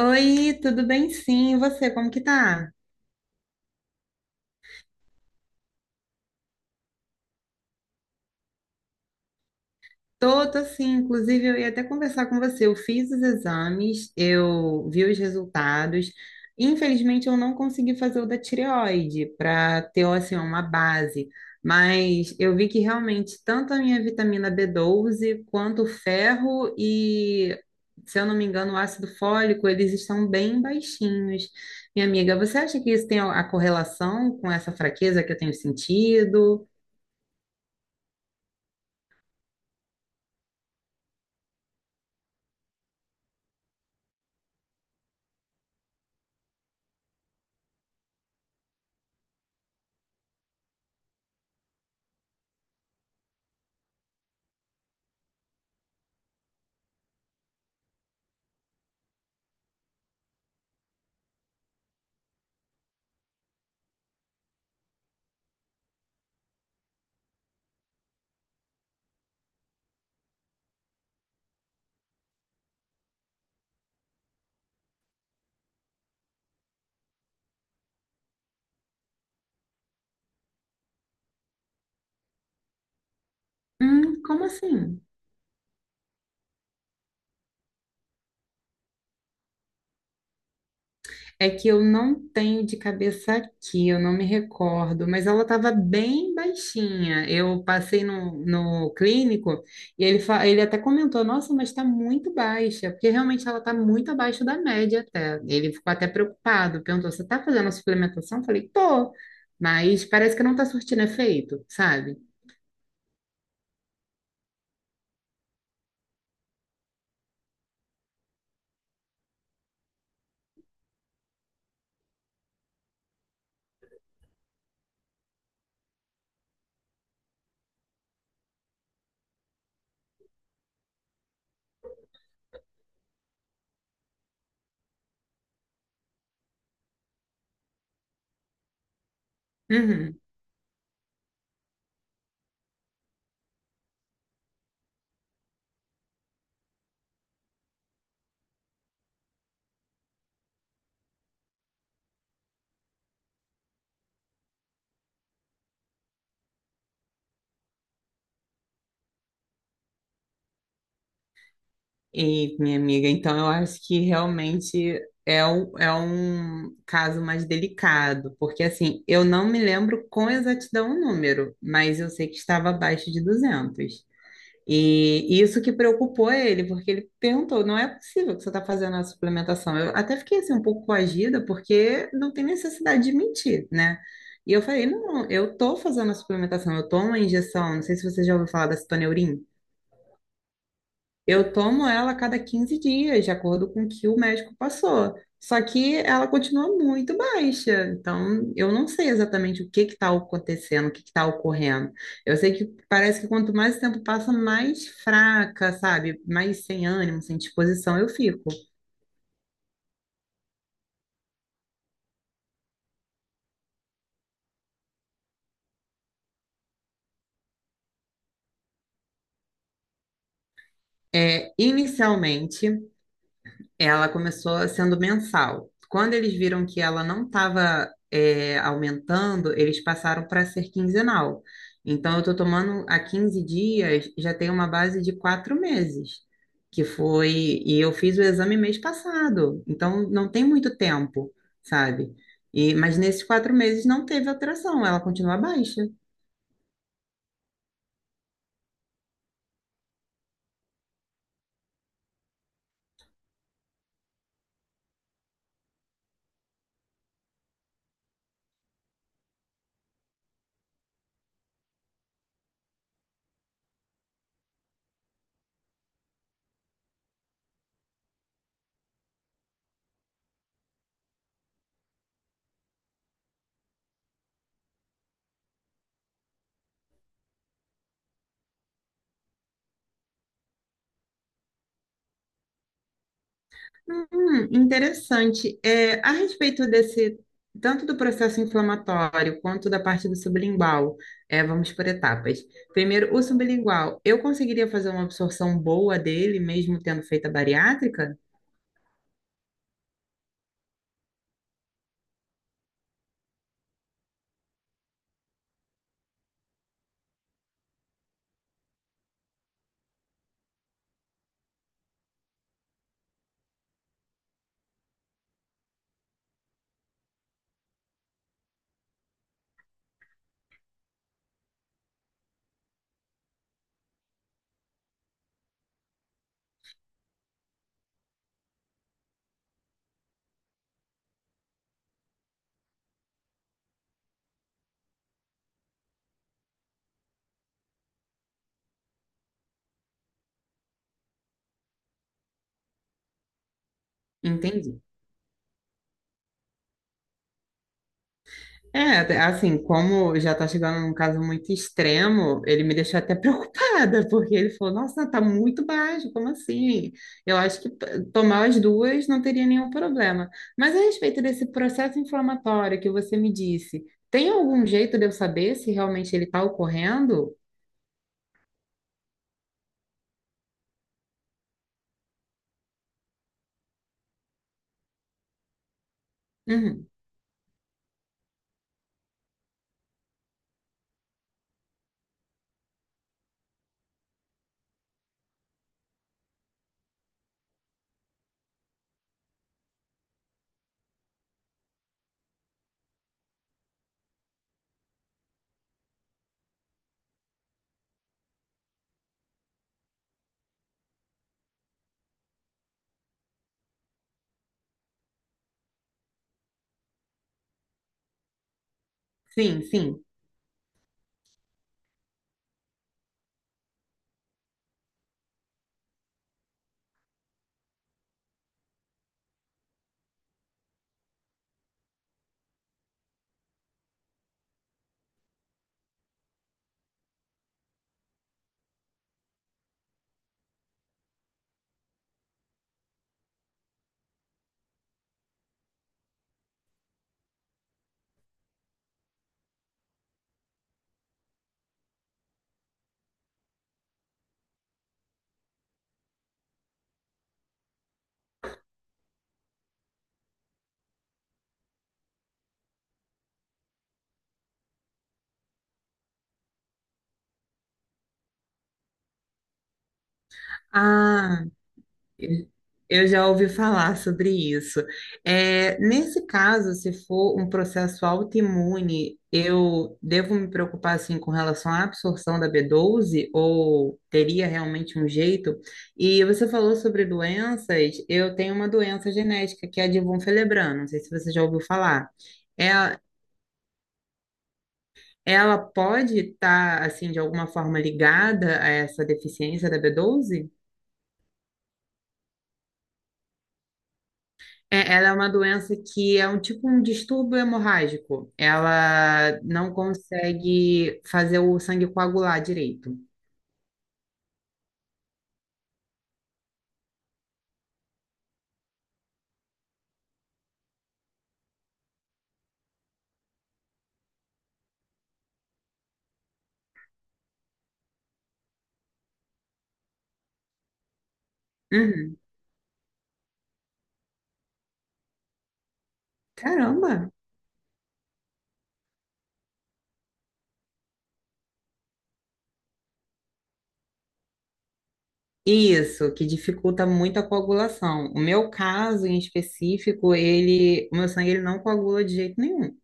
Oi, tudo bem? Sim, e você, como que tá? Tô sim, inclusive eu ia até conversar com você. Eu fiz os exames, eu vi os resultados. Infelizmente eu não consegui fazer o da tireoide para ter assim uma base, mas eu vi que realmente tanto a minha vitamina b doze quanto o ferro e, se eu não me engano, o ácido fólico, eles estão bem baixinhos. Minha amiga, você acha que isso tem a correlação com essa fraqueza que eu tenho sentido? Como assim? É que eu não tenho de cabeça aqui, eu não me recordo, mas ela estava bem baixinha. Eu passei no clínico e ele, ele até comentou: Nossa, mas está muito baixa, porque realmente ela está muito abaixo da média até. Ele ficou até preocupado, perguntou: Você está fazendo a suplementação? Eu falei: Tô, mas parece que não está surtindo efeito, sabe? Uhum. E, minha amiga, então eu acho que realmente é um caso mais delicado, porque assim, eu não me lembro com exatidão o número, mas eu sei que estava abaixo de duzentos. E isso que preocupou ele, porque ele perguntou, não é possível que você está fazendo a suplementação. Eu até fiquei assim um pouco coagida, porque não tem necessidade de mentir, né? E eu falei, não, eu tô fazendo a suplementação, eu tomo a injeção, não sei se você já ouviu falar da citoneurin. Eu tomo ela a cada 15 dias, de acordo com o que o médico passou. Só que ela continua muito baixa. Então, eu não sei exatamente o que está acontecendo, o que está ocorrendo. Eu sei que parece que quanto mais o tempo passa, mais fraca, sabe? Mais sem ânimo, sem disposição eu fico. É, inicialmente. Ela começou sendo mensal. Quando eles viram que ela não estava aumentando, eles passaram para ser quinzenal. Então, eu estou tomando há 15 dias, já tem uma base de quatro meses, que foi. E eu fiz o exame mês passado, então não tem muito tempo, sabe? E, mas nesses quatro meses não teve alteração, ela continua baixa. Interessante. É, a respeito desse, tanto do processo inflamatório quanto da parte do sublingual, é, vamos por etapas. Primeiro, o sublingual, eu conseguiria fazer uma absorção boa dele, mesmo tendo feito a bariátrica? Entendi. É, assim, como já tá chegando num caso muito extremo, ele me deixou até preocupada, porque ele falou, nossa, tá muito baixo, como assim? Eu acho que tomar as duas não teria nenhum problema. Mas a respeito desse processo inflamatório que você me disse, tem algum jeito de eu saber se realmente ele tá ocorrendo? Uhum, sim, sim. Ah. Eu eu já ouvi falar sobre isso. É, nesse caso, se for um processo autoimune, eu devo me preocupar assim com relação à absorção da b doze ou teria realmente um jeito? E você falou sobre doenças. Eu tenho uma doença genética que é a de von Willebrand. Não sei se você já ouviu falar. Ela, ela pode estar assim de alguma forma ligada a essa deficiência da b doze? É, ela é uma doença que é um tipo um distúrbio hemorrágico. Ela não consegue fazer o sangue coagular direito. Uhum. Caramba! Isso, que dificulta muito a coagulação. O meu caso em específico, ele, o meu sangue ele não coagula de jeito nenhum.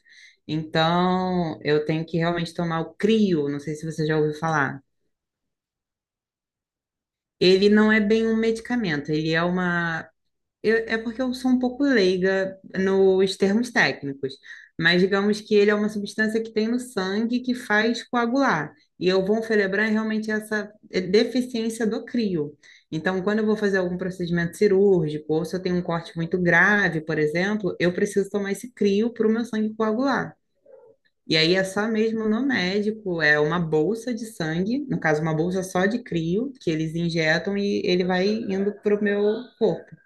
Então, eu tenho que realmente tomar o Crio, não sei se você já ouviu falar. Ele não é bem um medicamento, ele é uma. É porque eu sou um pouco leiga nos termos técnicos, mas digamos que ele é uma substância que tem no sangue que faz coagular. E eu vou celebrar realmente essa deficiência do crio. Então, quando eu vou fazer algum procedimento cirúrgico, ou se eu tenho um corte muito grave, por exemplo, eu preciso tomar esse crio para o meu sangue coagular. E aí é só mesmo no médico, é uma bolsa de sangue, no caso, uma bolsa só de crio, que eles injetam e ele vai indo para o meu corpo.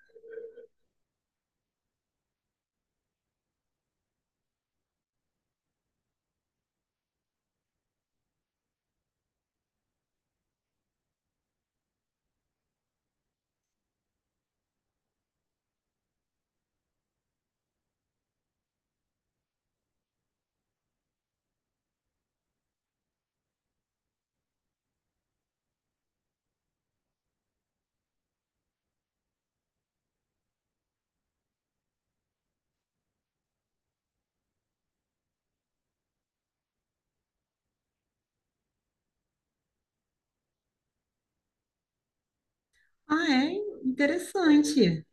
Ah, é interessante.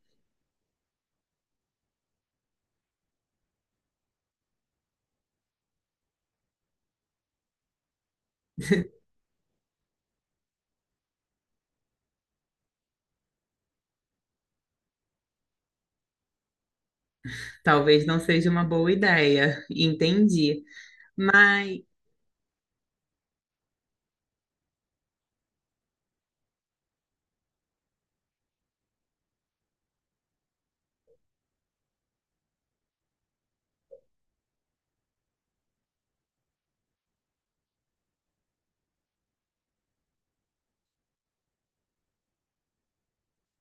Talvez não seja uma boa ideia, entendi. Mas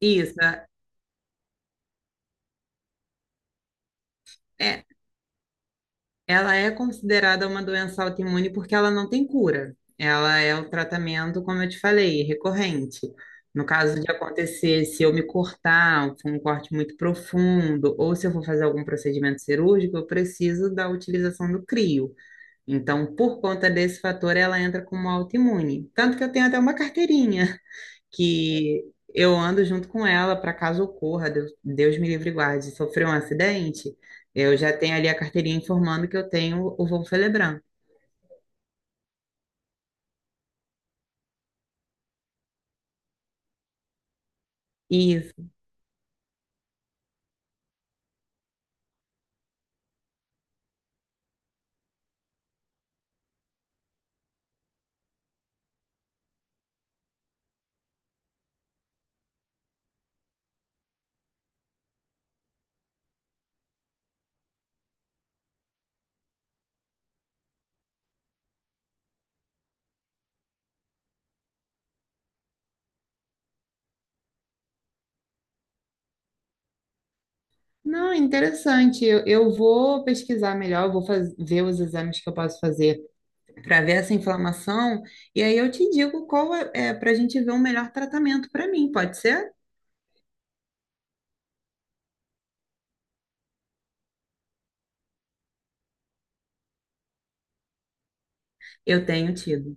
isso é, ela é considerada uma doença autoimune porque ela não tem cura. Ela é o tratamento, como eu te falei, recorrente. No caso de acontecer, se eu me cortar, for um corte muito profundo, ou se eu for fazer algum procedimento cirúrgico, eu preciso da utilização do crio. Então, por conta desse fator, ela entra como autoimune. Tanto que eu tenho até uma carteirinha. Que eu ando junto com ela para caso ocorra, Deus, Deus me livre e guarde, sofreu um acidente, eu já tenho ali a carteirinha informando que eu tenho o voo Felebran. Isso. Não, interessante. Eu vou pesquisar melhor, eu vou ver os exames que eu posso fazer para ver essa inflamação e aí eu te digo qual é, para a gente ver um melhor tratamento para mim, pode ser? Eu tenho tido.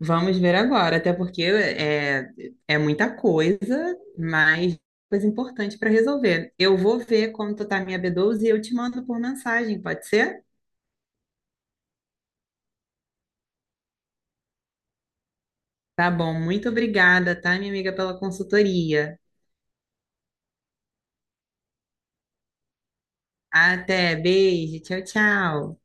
Vamos ver agora, até porque é, muita coisa, mas coisa importante para resolver. Eu vou ver como tu tá a minha B12 e eu te mando por mensagem, pode ser? Tá bom, muito obrigada, tá, minha amiga, pela consultoria. Até, beijo, tchau, tchau.